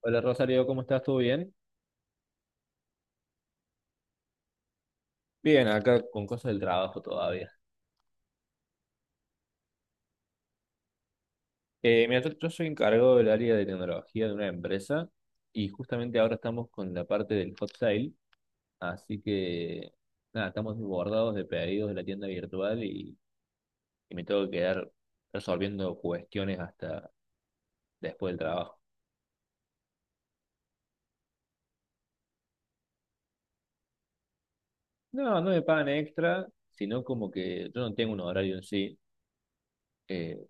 Hola Rosario, ¿cómo estás? ¿Todo bien? Bien, acá con cosas del trabajo todavía. Mira, yo soy encargado del área de tecnología de una empresa y justamente ahora estamos con la parte del hot sale, así que nada, estamos desbordados de pedidos de la tienda virtual y me tengo que quedar resolviendo cuestiones hasta después del trabajo. No, no me pagan extra, sino como que yo no tengo un horario en sí. Eh,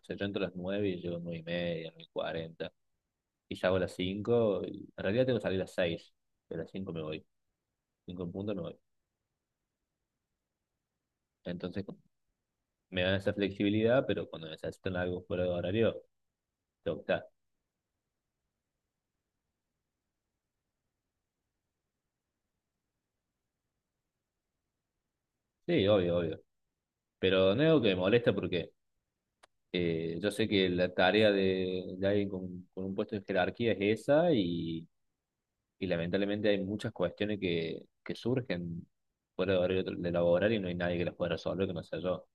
o sea, yo entro a las 9 y llego a 9 y media, 9 y cuarenta. Y salgo a las cinco, y en realidad tengo que salir a las seis, pero a las 5 me voy. Cinco en punto me voy. Entonces me dan esa flexibilidad, pero cuando necesitan algo fuera de horario, tengo que estar. Sí, obvio, obvio. Pero no es algo que me molesta porque yo sé que la tarea de alguien con un puesto en jerarquía es esa, y lamentablemente hay muchas cuestiones que surgen fuera de horario de laboral, y no hay nadie que las pueda resolver que no sea yo.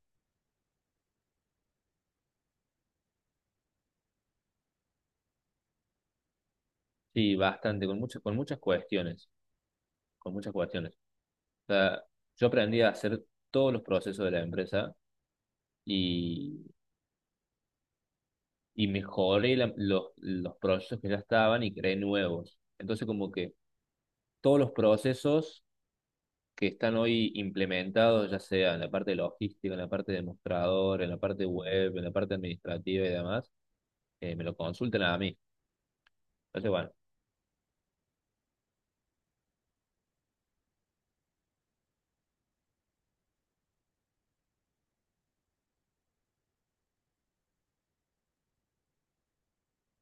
Sí, bastante, con muchas cuestiones, con muchas cuestiones. O sea, yo aprendí a hacer todos los procesos de la empresa, y, y mejoré los procesos que ya estaban y creé nuevos. Entonces, como que todos los procesos que están hoy implementados, ya sea en la parte logística, en la parte de mostrador, en la parte web, en la parte administrativa y demás, me lo consultan a mí. Entonces, bueno,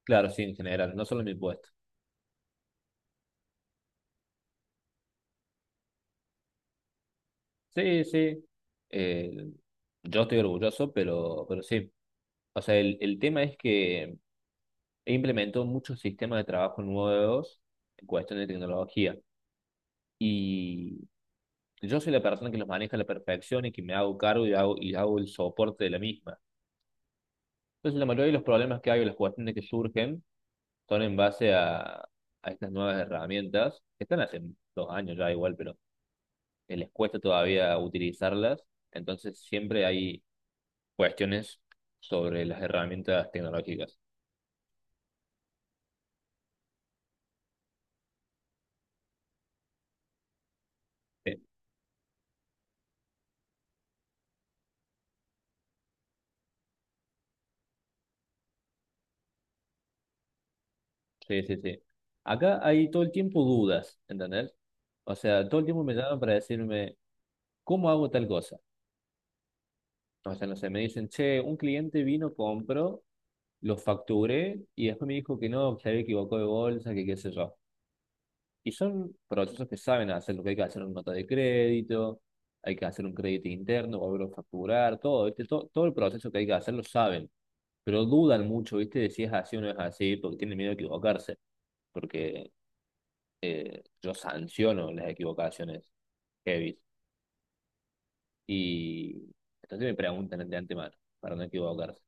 claro, sí, en general, no solo en mi puesto. Sí, sí. Eh, yo estoy orgulloso, pero sí. O sea, el tema es que implementó muchos sistemas de trabajo nuevos en cuestión de tecnología. Y yo soy la persona que los maneja a la perfección y que me hago cargo y hago, el soporte de la misma. Entonces, la mayoría de los problemas que hay o las cuestiones que surgen son en base a estas nuevas herramientas, que están hace 2 años ya igual, pero les cuesta todavía utilizarlas. Entonces, siempre hay cuestiones sobre las herramientas tecnológicas. Sí, sí, sí, sí. Acá hay todo el tiempo dudas, ¿entendés? O sea, todo el tiempo me llaman para decirme, ¿cómo hago tal cosa? O sea, no sé, me dicen, che, un cliente vino, compró, lo facturé y después me dijo que no, que se había equivocado de bolsa, que qué sé yo. Y son procesos que saben hacer. Lo que hay que hacer una nota de crédito, hay que hacer un crédito interno, volverlo a facturar, todo, ¿viste? Todo, todo el proceso que hay que hacer lo saben. Pero dudan mucho, ¿viste? De si es así o no es así, porque tienen miedo a equivocarse, porque yo sanciono las equivocaciones heavy. Y entonces me preguntan de antemano, para no equivocarse.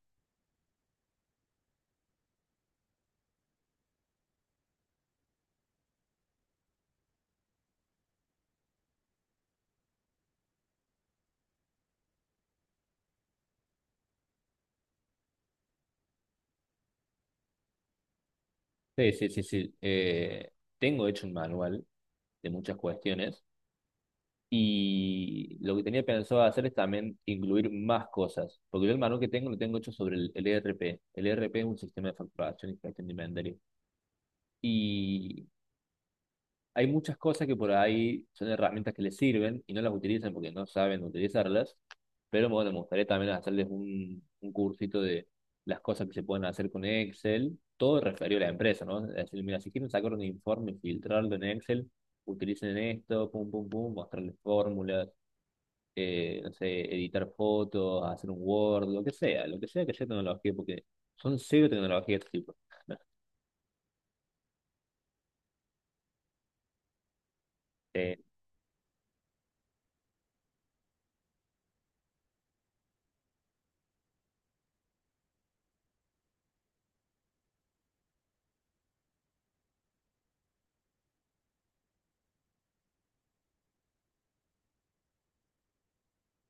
Sí, sí, sí, sí. Tengo hecho un manual de muchas cuestiones, y lo que tenía pensado hacer es también incluir más cosas, porque yo el manual que tengo lo tengo hecho sobre el ERP. El ERP es un sistema de facturación y gestión de inventario. Y hay muchas cosas que por ahí son herramientas que les sirven y no las utilizan porque no saben utilizarlas, pero bueno, me gustaría también hacerles un cursito de las cosas que se pueden hacer con Excel, todo referido a la empresa, ¿no? Es decir, mira, si quieren sacar un informe, filtrarlo en Excel, utilicen esto, pum, pum, pum, mostrarles fórmulas, no sé, editar fotos, hacer un Word, lo que sea tecnología, porque son cero tecnología de este tipo. Eh,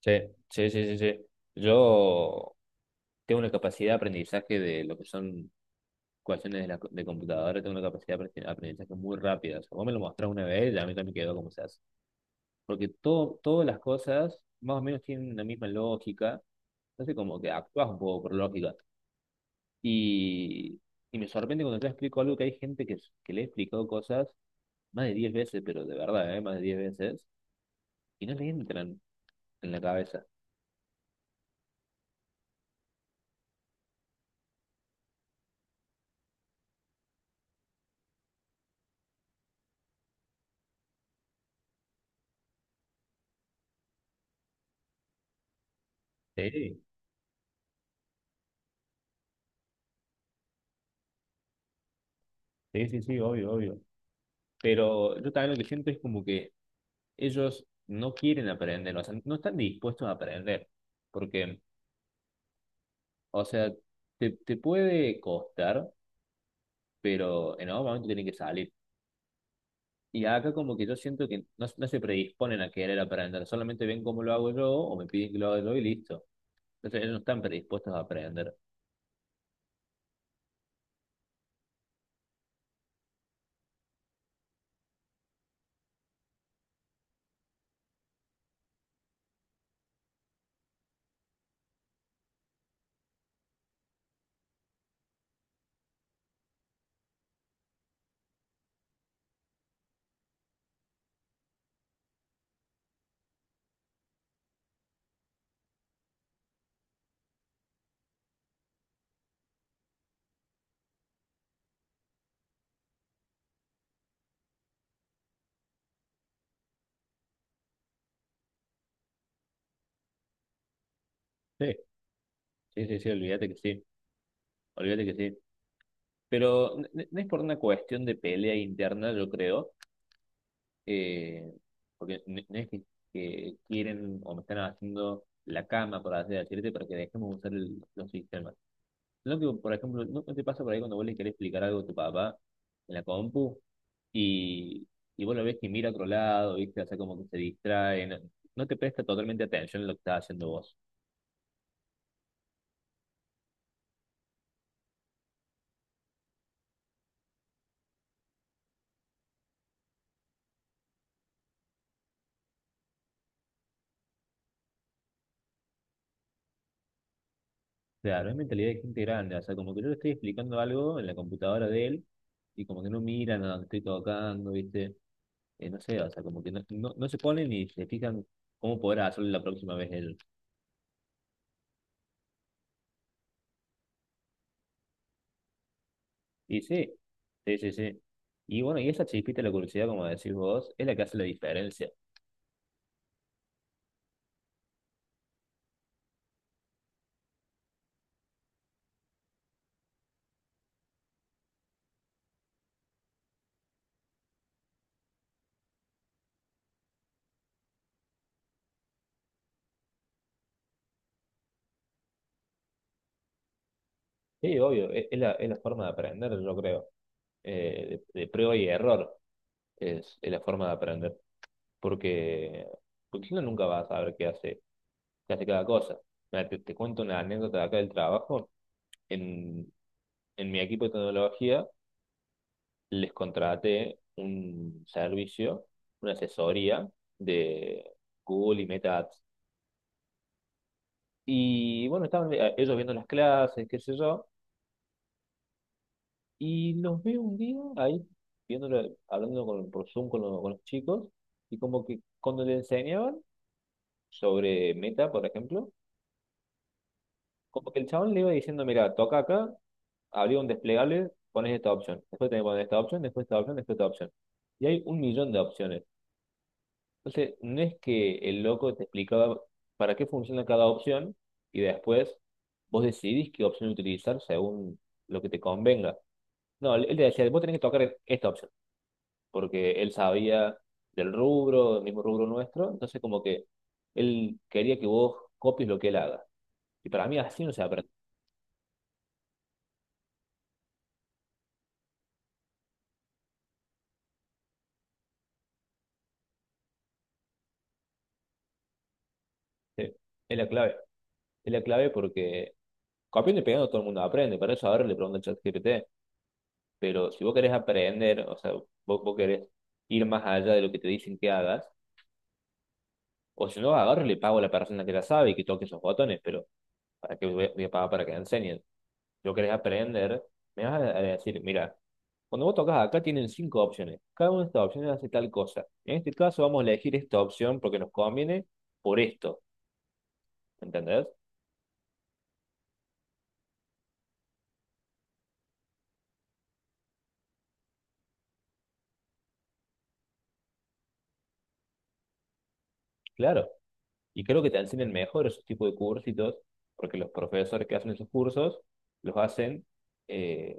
Sí, sí, sí, sí, sí. Yo tengo una capacidad de aprendizaje de lo que son ecuaciones de, la, de computadora, tengo una capacidad de aprendizaje muy rápida. O sea, vos me lo mostrás una vez y a mí también quedó como se hace. Porque todo, todas las cosas más o menos tienen la misma lógica. Entonces como que actúas un poco por lógica. Y, y me sorprende cuando te explico algo que hay gente que le he explicado cosas más de 10 veces, pero de verdad, ¿eh? Más de 10 veces, y no le entran en la cabeza. Sí, sí, sí, sí, obvio, obvio. Pero yo también lo que siento es como que ellos no quieren aprender, o sea, no están dispuestos a aprender, porque, o sea, te puede costar, pero en algún momento tienen que salir. Y acá como que yo siento que no, no se predisponen a querer aprender, solamente ven cómo lo hago yo o me piden que lo haga yo y listo. Entonces ellos no están predispuestos a aprender. Sí, sí, sí, sí, olvídate que sí, olvídate que sí. Pero no es por una cuestión de pelea interna, yo creo, eh, porque no es que quieren o me están haciendo la cama por hacer decirte para que dejemos usar los sistemas. Lo que, por ejemplo, ¿no te pasa por ahí cuando vos le querés explicar algo a tu papá en la compu, y, y vos lo ves que mira a otro lado, ¿viste? O sea, como que se distrae, no te presta totalmente atención en lo que estás haciendo vos. Claro, es mentalidad de gente grande, o sea, como que yo le estoy explicando algo en la computadora de él y como que no miran a donde estoy tocando, ¿viste? No sé, o sea, como que no se ponen ni se fijan cómo poder hacerlo la próxima vez él. Y sí, sí, sí, sí. Y bueno, y esa chispita de la curiosidad, como decís vos, es la que hace la diferencia. Sí, obvio, es la forma de aprender, yo creo. De prueba y error es la forma de aprender. Porque, porque uno nunca va a saber qué hace cada cosa. Mira, te cuento una anécdota de acá del trabajo. En, en mi equipo de tecnología les contraté un servicio, una asesoría de Google y Meta Ads. Y bueno, estaban ellos viendo las clases, qué sé yo, y los veo un día ahí, viéndolo, hablando con, por Zoom con, con los chicos, y como que cuando le enseñaban sobre Meta, por ejemplo, como que el chabón le iba diciendo, mira, toca acá, abría un desplegable, pones esta opción, después tenés que poner esta opción, después esta opción, después esta opción. Y hay 1 millón de opciones. Entonces, no es que el loco te explicaba para qué funciona cada opción y después vos decidís qué opción utilizar según lo que te convenga. No, él te decía, vos tenés que tocar esta opción, porque él sabía del rubro, del mismo rubro nuestro, entonces como que él quería que vos copies lo que él haga. Y para mí así no se aprende. Sí, es la clave. Es la clave porque copiando y pegando todo el mundo aprende, para eso ahora le pregunto al chat GPT. Pero si vos querés aprender, o sea, vos, vos querés ir más allá de lo que te dicen que hagas, o si no, agarro y le pago a la persona que la sabe y que toque esos botones, pero ¿para qué voy a pagar para que me enseñen? Si vos querés aprender, me vas a decir, mira, cuando vos tocas acá tienen 5 opciones, cada una de estas opciones hace tal cosa. En este caso vamos a elegir esta opción porque nos conviene por esto, ¿entendés? Claro, y creo que te enseñan mejor esos tipos de cursitos, porque los profesores que hacen esos cursos los hacen eh,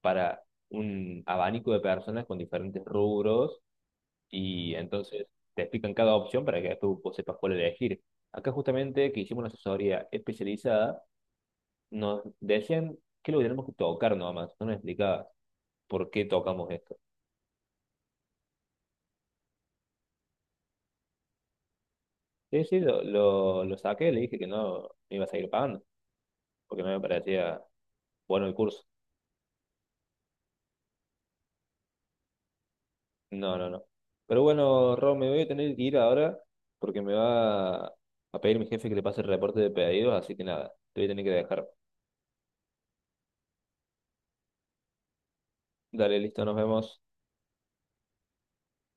para un abanico de personas con diferentes rubros, y entonces te explican cada opción para que después vos sepas cuál elegir. Acá justamente que hicimos una asesoría especializada, nos decían que lo que tenemos que tocar nomás, no me explicaba por qué tocamos esto. Sí, sí, lo saqué, le dije que no me iba a seguir pagando, porque no me parecía bueno el curso. No, no, no. Pero bueno, Ron, me voy a tener que ir ahora porque me va a pedir mi jefe que le pase el reporte de pedidos, así que nada, te voy a tener que dejar. Dale, listo, nos vemos.